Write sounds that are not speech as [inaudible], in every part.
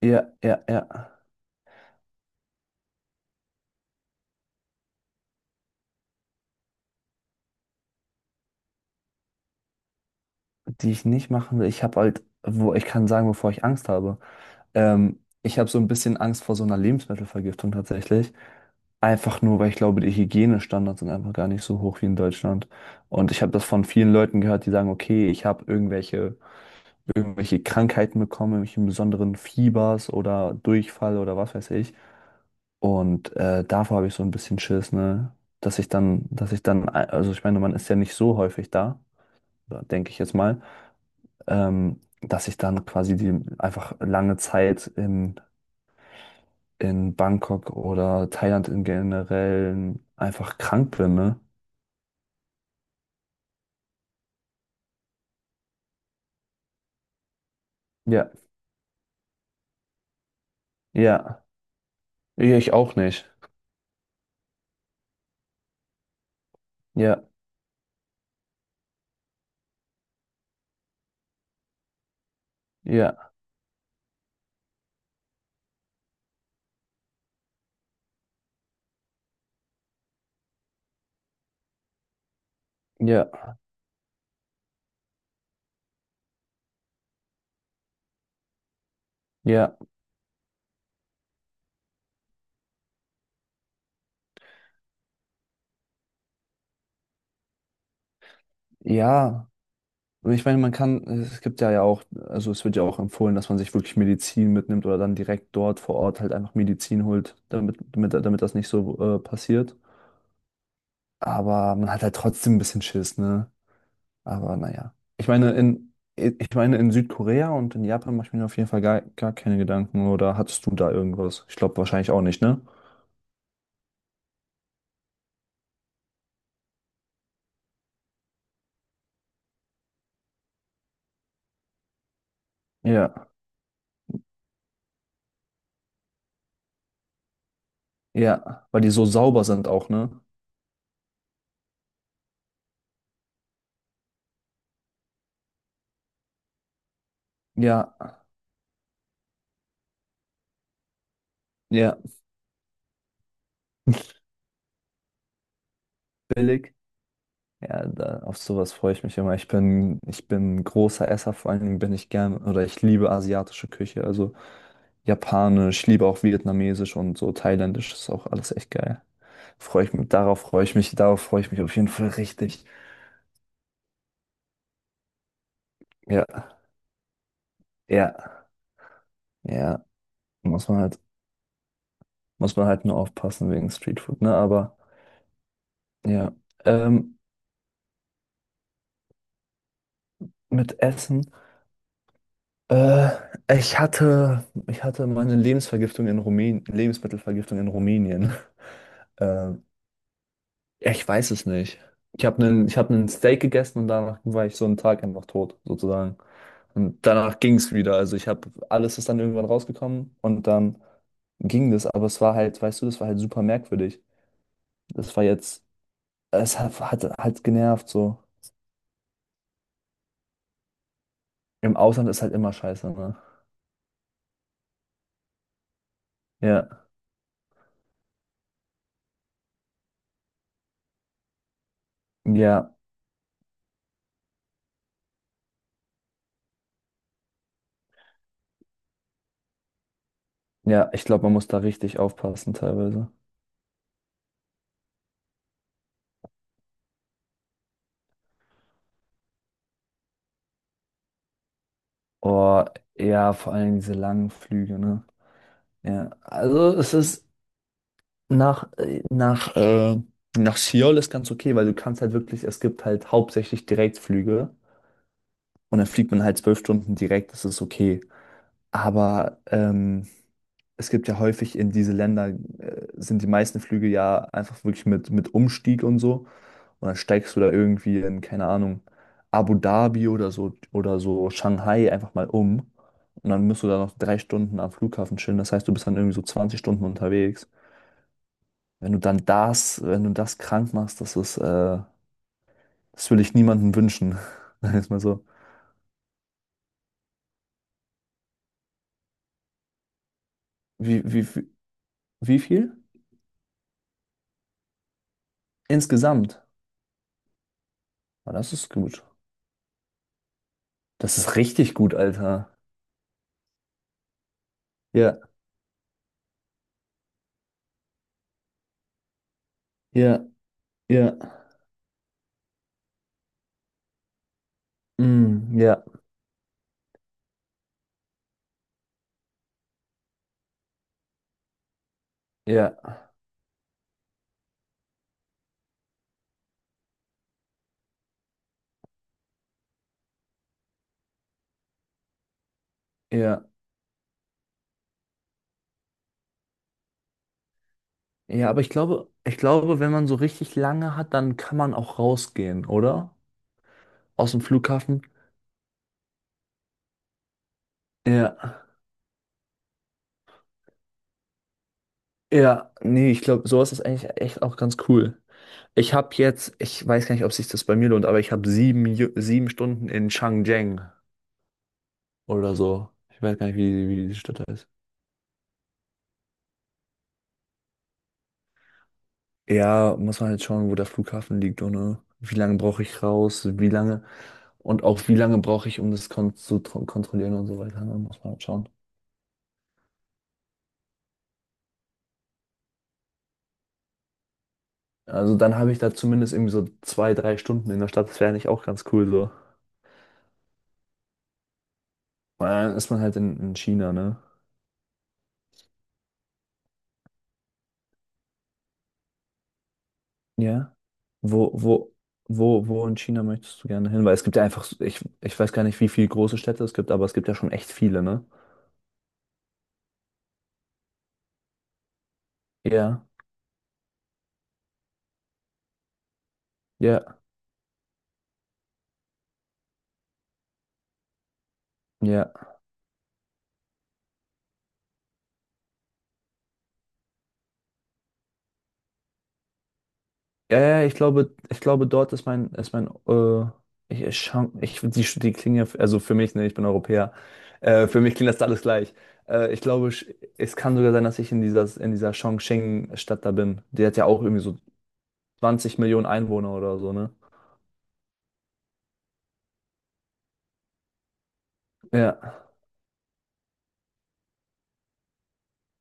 Ja, ja, ja. Die ich nicht machen will. Ich habe halt, wo ich kann sagen, wovor ich Angst habe. Ich habe so ein bisschen Angst vor so einer Lebensmittelvergiftung tatsächlich. Einfach nur, weil ich glaube, die Hygienestandards sind einfach gar nicht so hoch wie in Deutschland. Und ich habe das von vielen Leuten gehört, die sagen, okay, ich habe irgendwelche Krankheiten bekommen, irgendwelche besonderen Fiebers oder Durchfall oder was weiß ich. Und davor habe ich so ein bisschen Schiss, ne? Dass ich dann, also ich meine, man ist ja nicht so häufig da, denke ich jetzt mal. Dass ich dann quasi die einfach lange Zeit in, Bangkok oder Thailand im Generellen einfach krank bin, ne? Ja, ja, ich auch nicht. Ja, ja, ja, ja, ja. Und ich meine, man kann, es gibt ja auch, also es wird ja auch empfohlen, dass man sich wirklich Medizin mitnimmt oder dann direkt dort vor Ort halt einfach Medizin holt, damit das nicht so passiert. Aber man hat halt trotzdem ein bisschen Schiss, ne? Aber naja. Ich meine, in Südkorea und in Japan mache ich mir auf jeden Fall gar keine Gedanken. Oder hattest du da irgendwas? Ich glaube wahrscheinlich auch nicht, ne? Ja, ja, weil die so sauber sind auch, ne? Ja, ja, billig. Ja, da, auf sowas freue ich mich immer. Ich bin ein großer Esser, vor allen Dingen bin ich gern oder ich liebe asiatische Küche, also japanisch, ich liebe auch vietnamesisch und so thailändisch ist auch alles echt geil. Freue ich mich, darauf freue ich mich, darauf freue ich mich auf jeden Fall richtig. Ja, ja. Ja, muss man halt, muss man halt nur aufpassen wegen Streetfood, ne? Aber ja, ähm, mit Essen. Äh, ich hatte meine Lebensvergiftung in Rumänien, Lebensmittelvergiftung in Rumänien. [laughs] Ähm, ja, ich weiß es nicht. Ich habe einen Steak gegessen und danach war ich so einen Tag einfach tot, sozusagen. Und danach ging es wieder. Also ich habe, alles ist dann irgendwann rausgekommen und dann ging das, aber es war halt, weißt du, das war halt super merkwürdig. Das war jetzt, es hat halt genervt so. Im Ausland ist halt immer scheiße, ne? Ja, ja, ja, ich glaube, man muss da richtig aufpassen teilweise. Oh, ja, vor allem diese langen Flüge, ne? Ja, also es ist nach, äh, nach, äh, nach Seoul ist ganz okay, weil du kannst halt wirklich, es gibt halt hauptsächlich Direktflüge und dann fliegt man halt 12 Stunden direkt, das ist okay. Aber es gibt ja häufig in diese Länder, sind die meisten Flüge ja einfach wirklich mit Umstieg und so. Und dann steigst du da irgendwie in, keine Ahnung, Abu Dhabi oder so Shanghai einfach mal um. Und dann musst du da noch 3 Stunden am Flughafen chillen. Das heißt, du bist dann irgendwie so 20 Stunden unterwegs. Wenn du dann das, wenn du das krank machst, das ist, das will ich niemandem wünschen. [laughs] Sagen wir es mal so. Wie, wie, wie wie viel? Insgesamt. Ah, das ist gut. Das ist richtig gut, Alter. Ja, ja. Ja, mm, ja, ja, ja, ja, aber ich glaube, wenn man so richtig lange hat, dann kann man auch rausgehen, oder? Aus dem Flughafen. Ja, ja, nee, ich glaube, sowas ist eigentlich echt auch ganz cool. Ich weiß gar nicht, ob sich das bei mir lohnt, aber ich habe 7 Stunden in Changcheng oder so. Ich weiß gar nicht, wie die Stadt heißt. Ja, muss man halt schauen, wo der Flughafen liegt und wie lange brauche ich raus, wie lange und auch wie lange brauche ich, um das kontrollieren und so weiter. Ne, muss man halt schauen. Also dann habe ich da zumindest irgendwie so 2, 3 Stunden in der Stadt. Das wäre eigentlich auch ganz cool so. Und dann ist man halt in China, ne? Ja. Wo, wo, wo in China möchtest du gerne hin? Weil es gibt ja einfach, ich weiß gar nicht, wie viele große Städte es gibt, aber es gibt ja schon echt viele, ne? Ja, ja, ja. Ja, ja, ja, ich glaube, dort ist mein, ich, ich die klingen ja, also für mich, ne, ich bin Europäer, für mich klingt das alles gleich. Ich glaube, es kann sogar sein, dass ich in dieser, Chongqing-Stadt da bin. Die hat ja auch irgendwie so 20 Millionen Einwohner oder so, ne? Ja.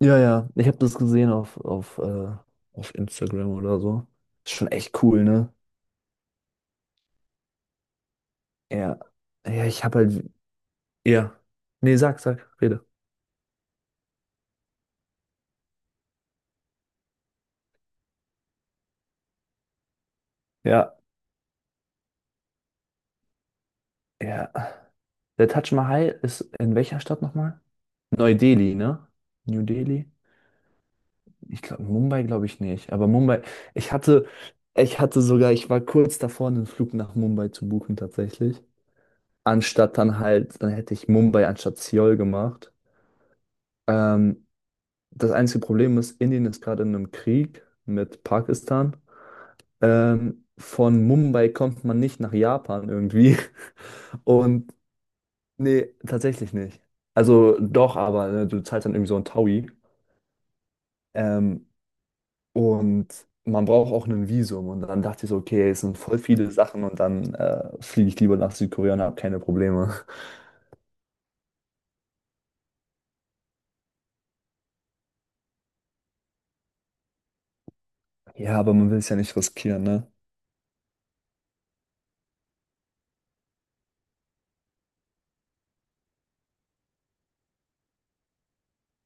Ja, ja, ich habe das gesehen auf, auf Instagram oder so. Ist schon echt cool, ne? Ja. Ja, ich habe halt, ja. Nee, rede. Ja, ja. Der Taj Mahal ist in welcher Stadt nochmal? Neu-Delhi, ne? New Delhi? Ich glaube, Mumbai glaube ich nicht. Aber Mumbai, ich hatte, ich hatte sogar, ich war kurz davor, einen Flug nach Mumbai zu buchen tatsächlich. Anstatt dann halt, dann hätte ich Mumbai anstatt Seoul gemacht. Ähm, Das einzige Problem ist, Indien ist gerade in einem Krieg mit Pakistan. Von Mumbai kommt man nicht nach Japan irgendwie. [laughs] Und nee, tatsächlich nicht. Also doch, aber ne, du zahlst dann irgendwie so ein Taui. Ähm, und man braucht auch ein Visum. Und dann dachte ich so, okay, es sind voll viele Sachen und dann fliege ich lieber nach Südkorea und habe keine Probleme. [laughs] Ja, aber man will es ja nicht riskieren, ne?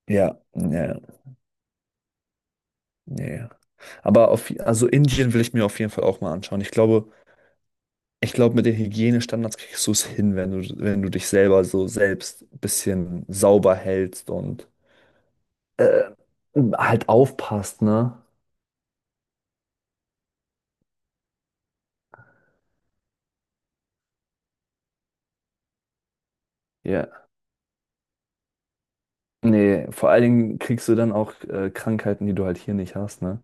Ja, ja, ja. Ja. Ja. Aber auf, also Indien will ich mir auf jeden Fall auch mal anschauen. Ich glaube, mit den Hygienestandards kriegst du es hin, wenn du, wenn du dich selber so selbst ein bisschen sauber hältst und äh, halt aufpasst, ne? Ja. Nee, vor allen Dingen kriegst du dann auch Krankheiten, die du halt hier nicht hast, ne?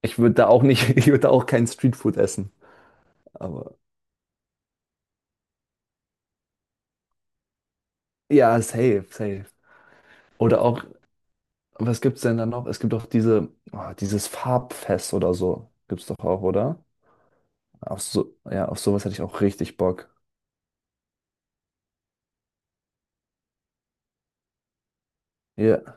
Ich würde da auch nicht, [laughs] ich würde da auch kein Streetfood essen. Aber ja, safe, safe. Oder auch, was gibt's denn da noch? Es gibt doch diese, oh, dieses Farbfest oder so. Gibt's doch auch, oder? Auf so, ja, auf sowas hätte ich auch richtig Bock. Ja,